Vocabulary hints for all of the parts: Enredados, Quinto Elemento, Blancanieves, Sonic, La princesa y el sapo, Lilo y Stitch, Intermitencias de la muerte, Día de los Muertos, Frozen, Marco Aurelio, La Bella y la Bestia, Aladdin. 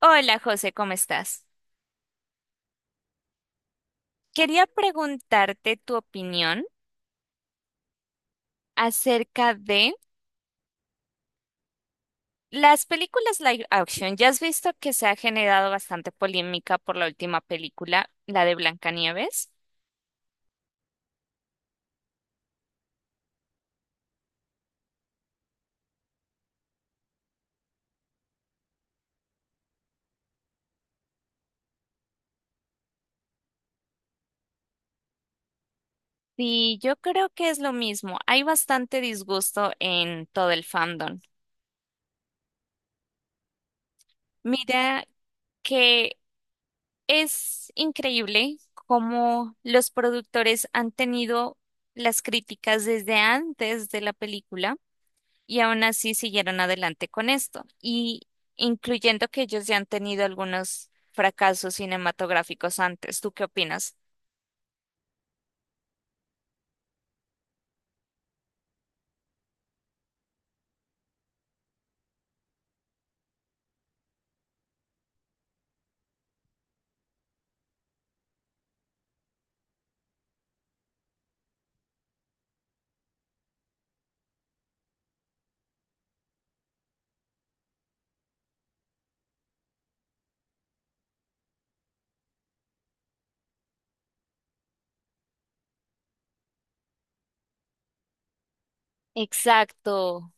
Hola José, ¿cómo estás? Quería preguntarte tu opinión acerca de las películas live action. Ya has visto que se ha generado bastante polémica por la última película, la de Blancanieves. Sí, yo creo que es lo mismo. Hay bastante disgusto en todo el fandom. Mira que es increíble cómo los productores han tenido las críticas desde antes de la película y aún así siguieron adelante con esto, y incluyendo que ellos ya han tenido algunos fracasos cinematográficos antes. ¿Tú qué opinas? Exacto,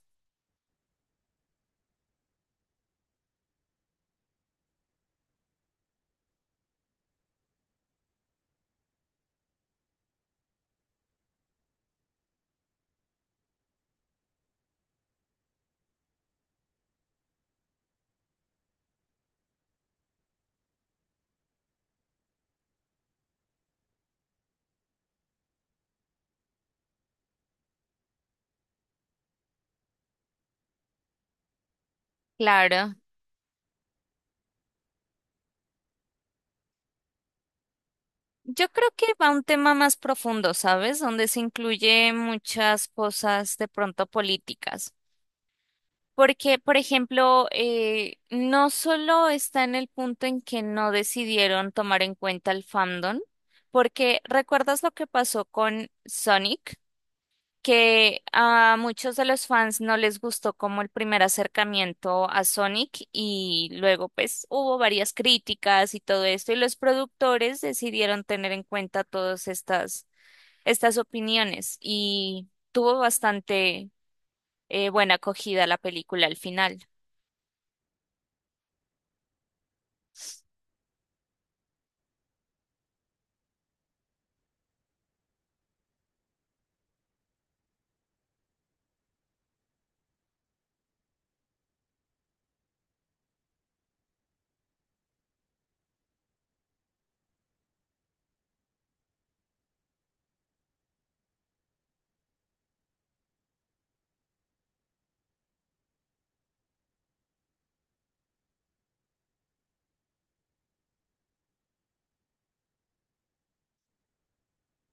claro. Yo creo que va a un tema más profundo, ¿sabes? Donde se incluye muchas cosas de pronto políticas. Porque, por ejemplo, no solo está en el punto en que no decidieron tomar en cuenta el fandom, porque ¿recuerdas lo que pasó con Sonic? Que a muchos de los fans no les gustó como el primer acercamiento a Sonic y luego pues hubo varias críticas y todo esto y los productores decidieron tener en cuenta todas estas, estas opiniones y tuvo bastante buena acogida la película al final.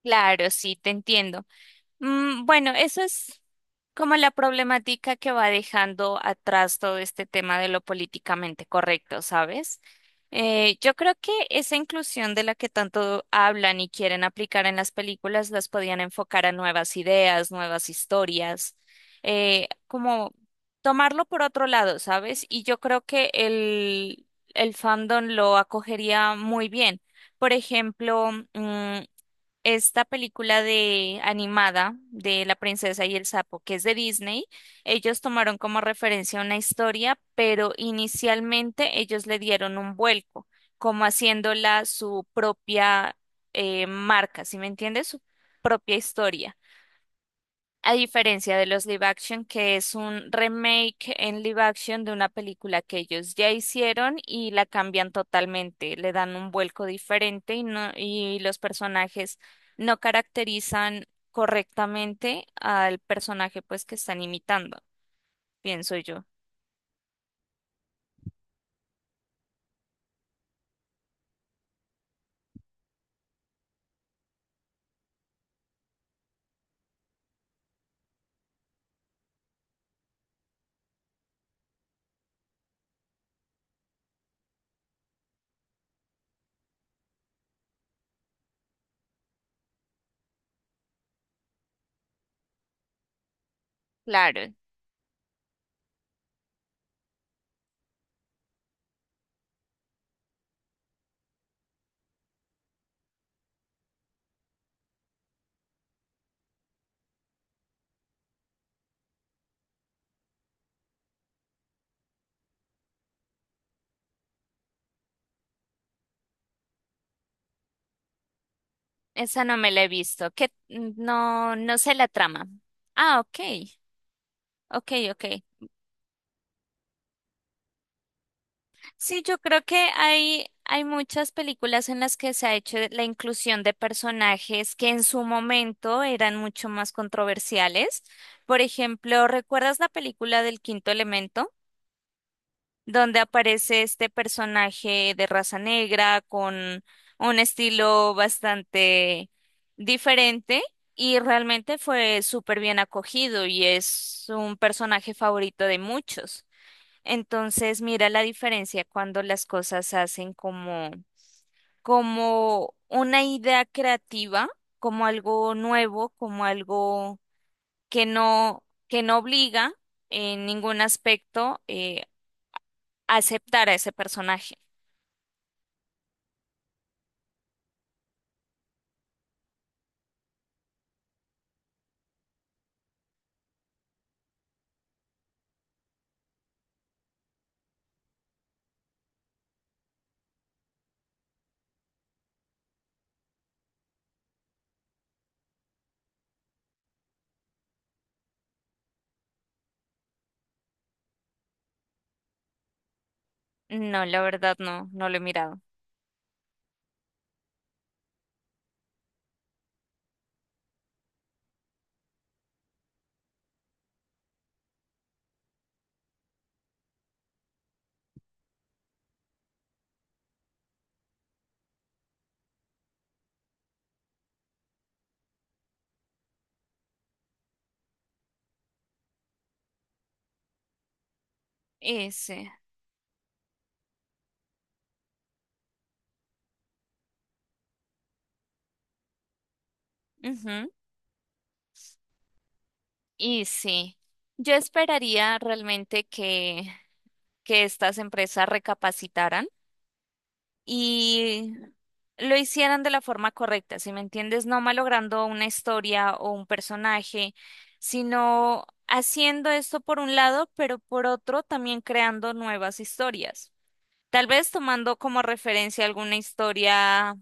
Claro, sí, te entiendo. Mm, bueno, eso es como la problemática que va dejando atrás todo este tema de lo políticamente correcto, ¿sabes? Yo creo que esa inclusión de la que tanto hablan y quieren aplicar en las películas las podían enfocar a nuevas ideas, nuevas historias, como tomarlo por otro lado, ¿sabes? Y yo creo que el fandom lo acogería muy bien. Por ejemplo, mm, esta película de animada de La princesa y el sapo, que es de Disney, ellos tomaron como referencia una historia, pero inicialmente ellos le dieron un vuelco, como haciéndola su propia marca, ¿sí me entiendes? Su propia historia. A diferencia de los live action, que es un remake en live action de una película que ellos ya hicieron y la cambian totalmente, le dan un vuelco diferente y no, y los personajes no caracterizan correctamente al personaje pues que están imitando, pienso yo. Claro, esa no me la he visto, que no sé la trama. Ah, ok, ok, ok. Sí, yo creo que hay muchas películas en las que se ha hecho la inclusión de personajes que en su momento eran mucho más controversiales. Por ejemplo, ¿recuerdas la película del Quinto Elemento? Donde aparece este personaje de raza negra con un estilo bastante diferente y realmente fue súper bien acogido y es un personaje favorito de muchos. Entonces, mira la diferencia cuando las cosas hacen como, como una idea creativa, como algo nuevo, como algo que no obliga en ningún aspecto a aceptar a ese personaje. No, la verdad no, no lo he mirado. Ese. Ujú. Y sí, yo esperaría realmente que estas empresas recapacitaran y lo hicieran de la forma correcta, ¿si me entiendes? No malogrando una historia o un personaje, sino haciendo esto por un lado, pero por otro también creando nuevas historias. Tal vez tomando como referencia alguna historia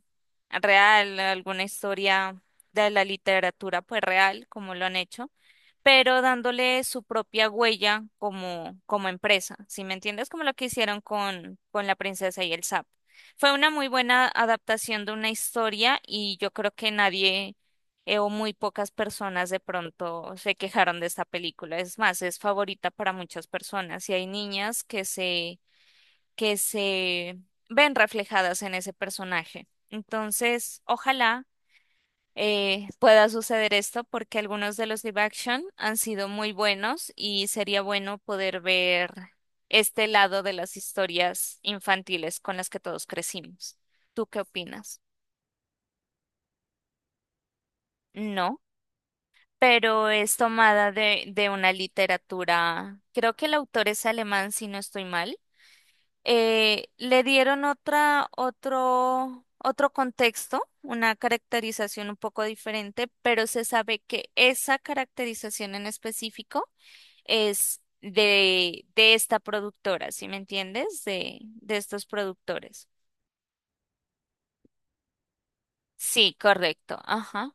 real, alguna historia de la literatura pues real, como lo han hecho, pero dándole su propia huella como, como empresa, ¿sí me entiendes? Como lo que hicieron con La princesa y el sapo. Fue una muy buena adaptación de una historia y yo creo que nadie o muy pocas personas de pronto se quejaron de esta película. Es más, es favorita para muchas personas y hay niñas que que se ven reflejadas en ese personaje. Entonces, ojalá pueda suceder esto porque algunos de los live action han sido muy buenos y sería bueno poder ver este lado de las historias infantiles con las que todos crecimos. ¿Tú qué opinas? No, pero es tomada de una literatura, creo que el autor es alemán, si no estoy mal. Le dieron otra, otro contexto, una caracterización un poco diferente, pero se sabe que esa caracterización en específico es de esta productora, ¿sí me entiendes? De estos productores. Sí, correcto, ajá.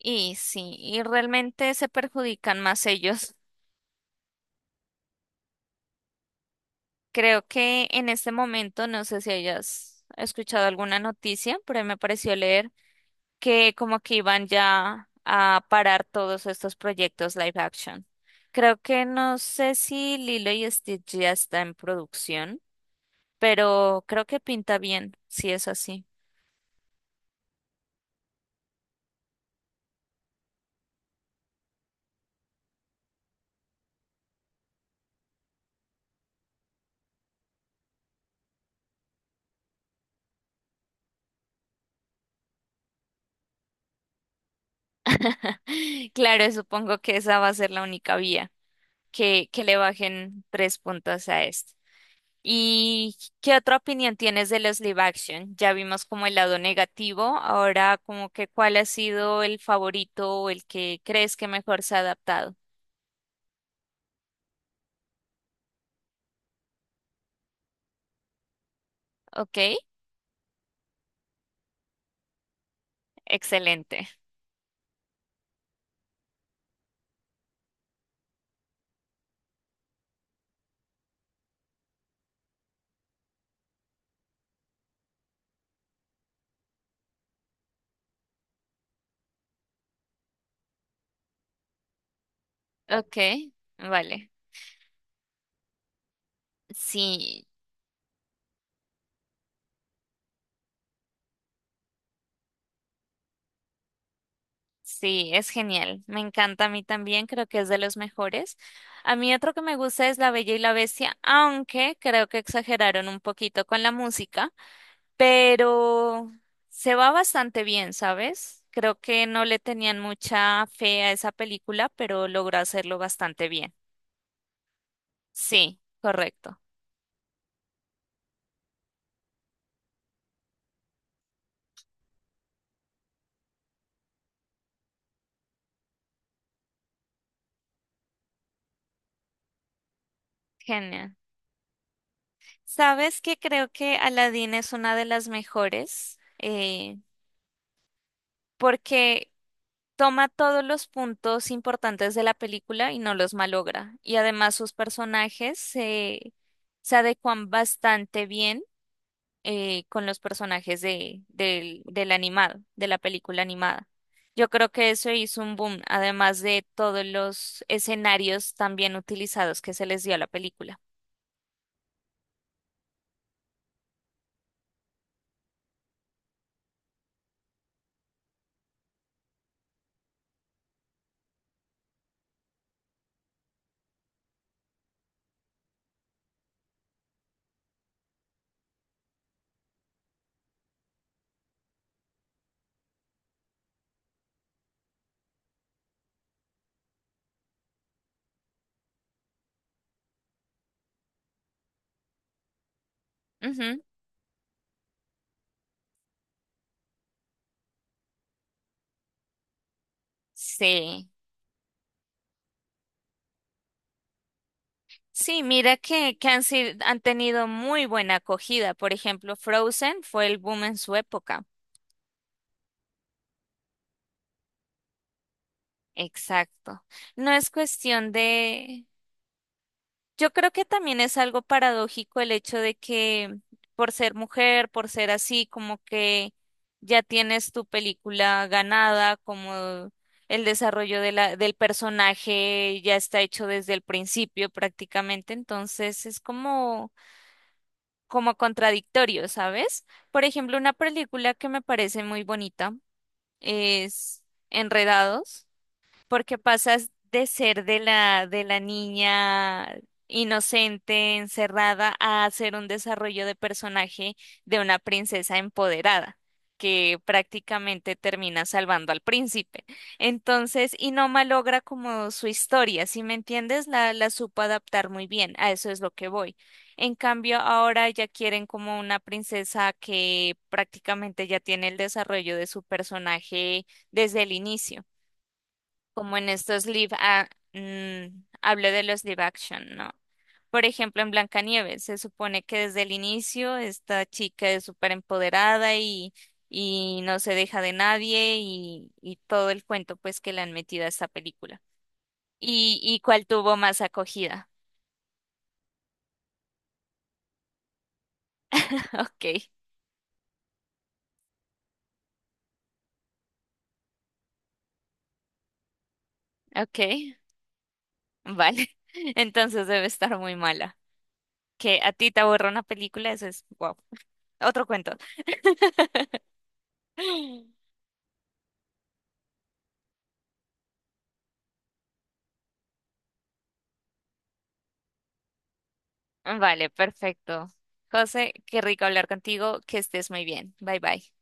Y sí, y realmente se perjudican más ellos. Creo que en este momento, no sé si hayas escuchado alguna noticia, pero me pareció leer que como que iban ya a parar todos estos proyectos live action. Creo que no sé si Lilo y Stitch ya está en producción, pero creo que pinta bien, si es así. Claro, supongo que esa va a ser la única vía, que le bajen tres puntos a esto. ¿Y qué otra opinión tienes de los live action? Ya vimos como el lado negativo, ahora como que cuál ha sido el favorito o el que crees que mejor se ha adaptado. ¿Ok? Excelente. Ok, vale. Sí, sí, es genial. Me encanta a mí también, creo que es de los mejores. A mí otro que me gusta es La Bella y la Bestia, aunque creo que exageraron un poquito con la música, pero se va bastante bien, ¿sabes? Creo que no le tenían mucha fe a esa película, pero logró hacerlo bastante bien. Sí, correcto. Genial. ¿Sabes que creo que Aladdin es una de las mejores? Porque toma todos los puntos importantes de la película y no los malogra. Y además sus personajes se adecuan bastante bien con los personajes de, del, del animado, de la película animada. Yo creo que eso hizo un boom, además de todos los escenarios también utilizados que se les dio a la película. Ujú. Sí. Sí, mira que han, sido- han tenido muy buena acogida. Por ejemplo, Frozen fue el boom en su época. Exacto. No es cuestión de... Yo creo que también es algo paradójico el hecho de que por ser mujer, por ser así, como que ya tienes tu película ganada, como el desarrollo de la, del personaje ya está hecho desde el principio prácticamente, entonces es como, como contradictorio, ¿sabes? Por ejemplo, una película que me parece muy bonita es Enredados, porque pasas de ser de la niña inocente, encerrada, a hacer un desarrollo de personaje de una princesa empoderada, que prácticamente termina salvando al príncipe. Entonces, y no malogra como su historia, si me entiendes, la supo adaptar muy bien, a eso es lo que voy. En cambio, ahora ya quieren como una princesa que prácticamente ya tiene el desarrollo de su personaje desde el inicio como en estos live, hablo de los live action, ¿no? Por ejemplo, en Blancanieves, se supone que desde el inicio esta chica es súper empoderada y no se deja de nadie y todo el cuento pues que le han metido a esta película. Y cuál tuvo más acogida? Ok, ok, vale. Entonces debe estar muy mala. Que a ti te aburra una película, eso es wow. Otro cuento. Vale, perfecto. José, qué rico hablar contigo, que estés muy bien. Bye bye.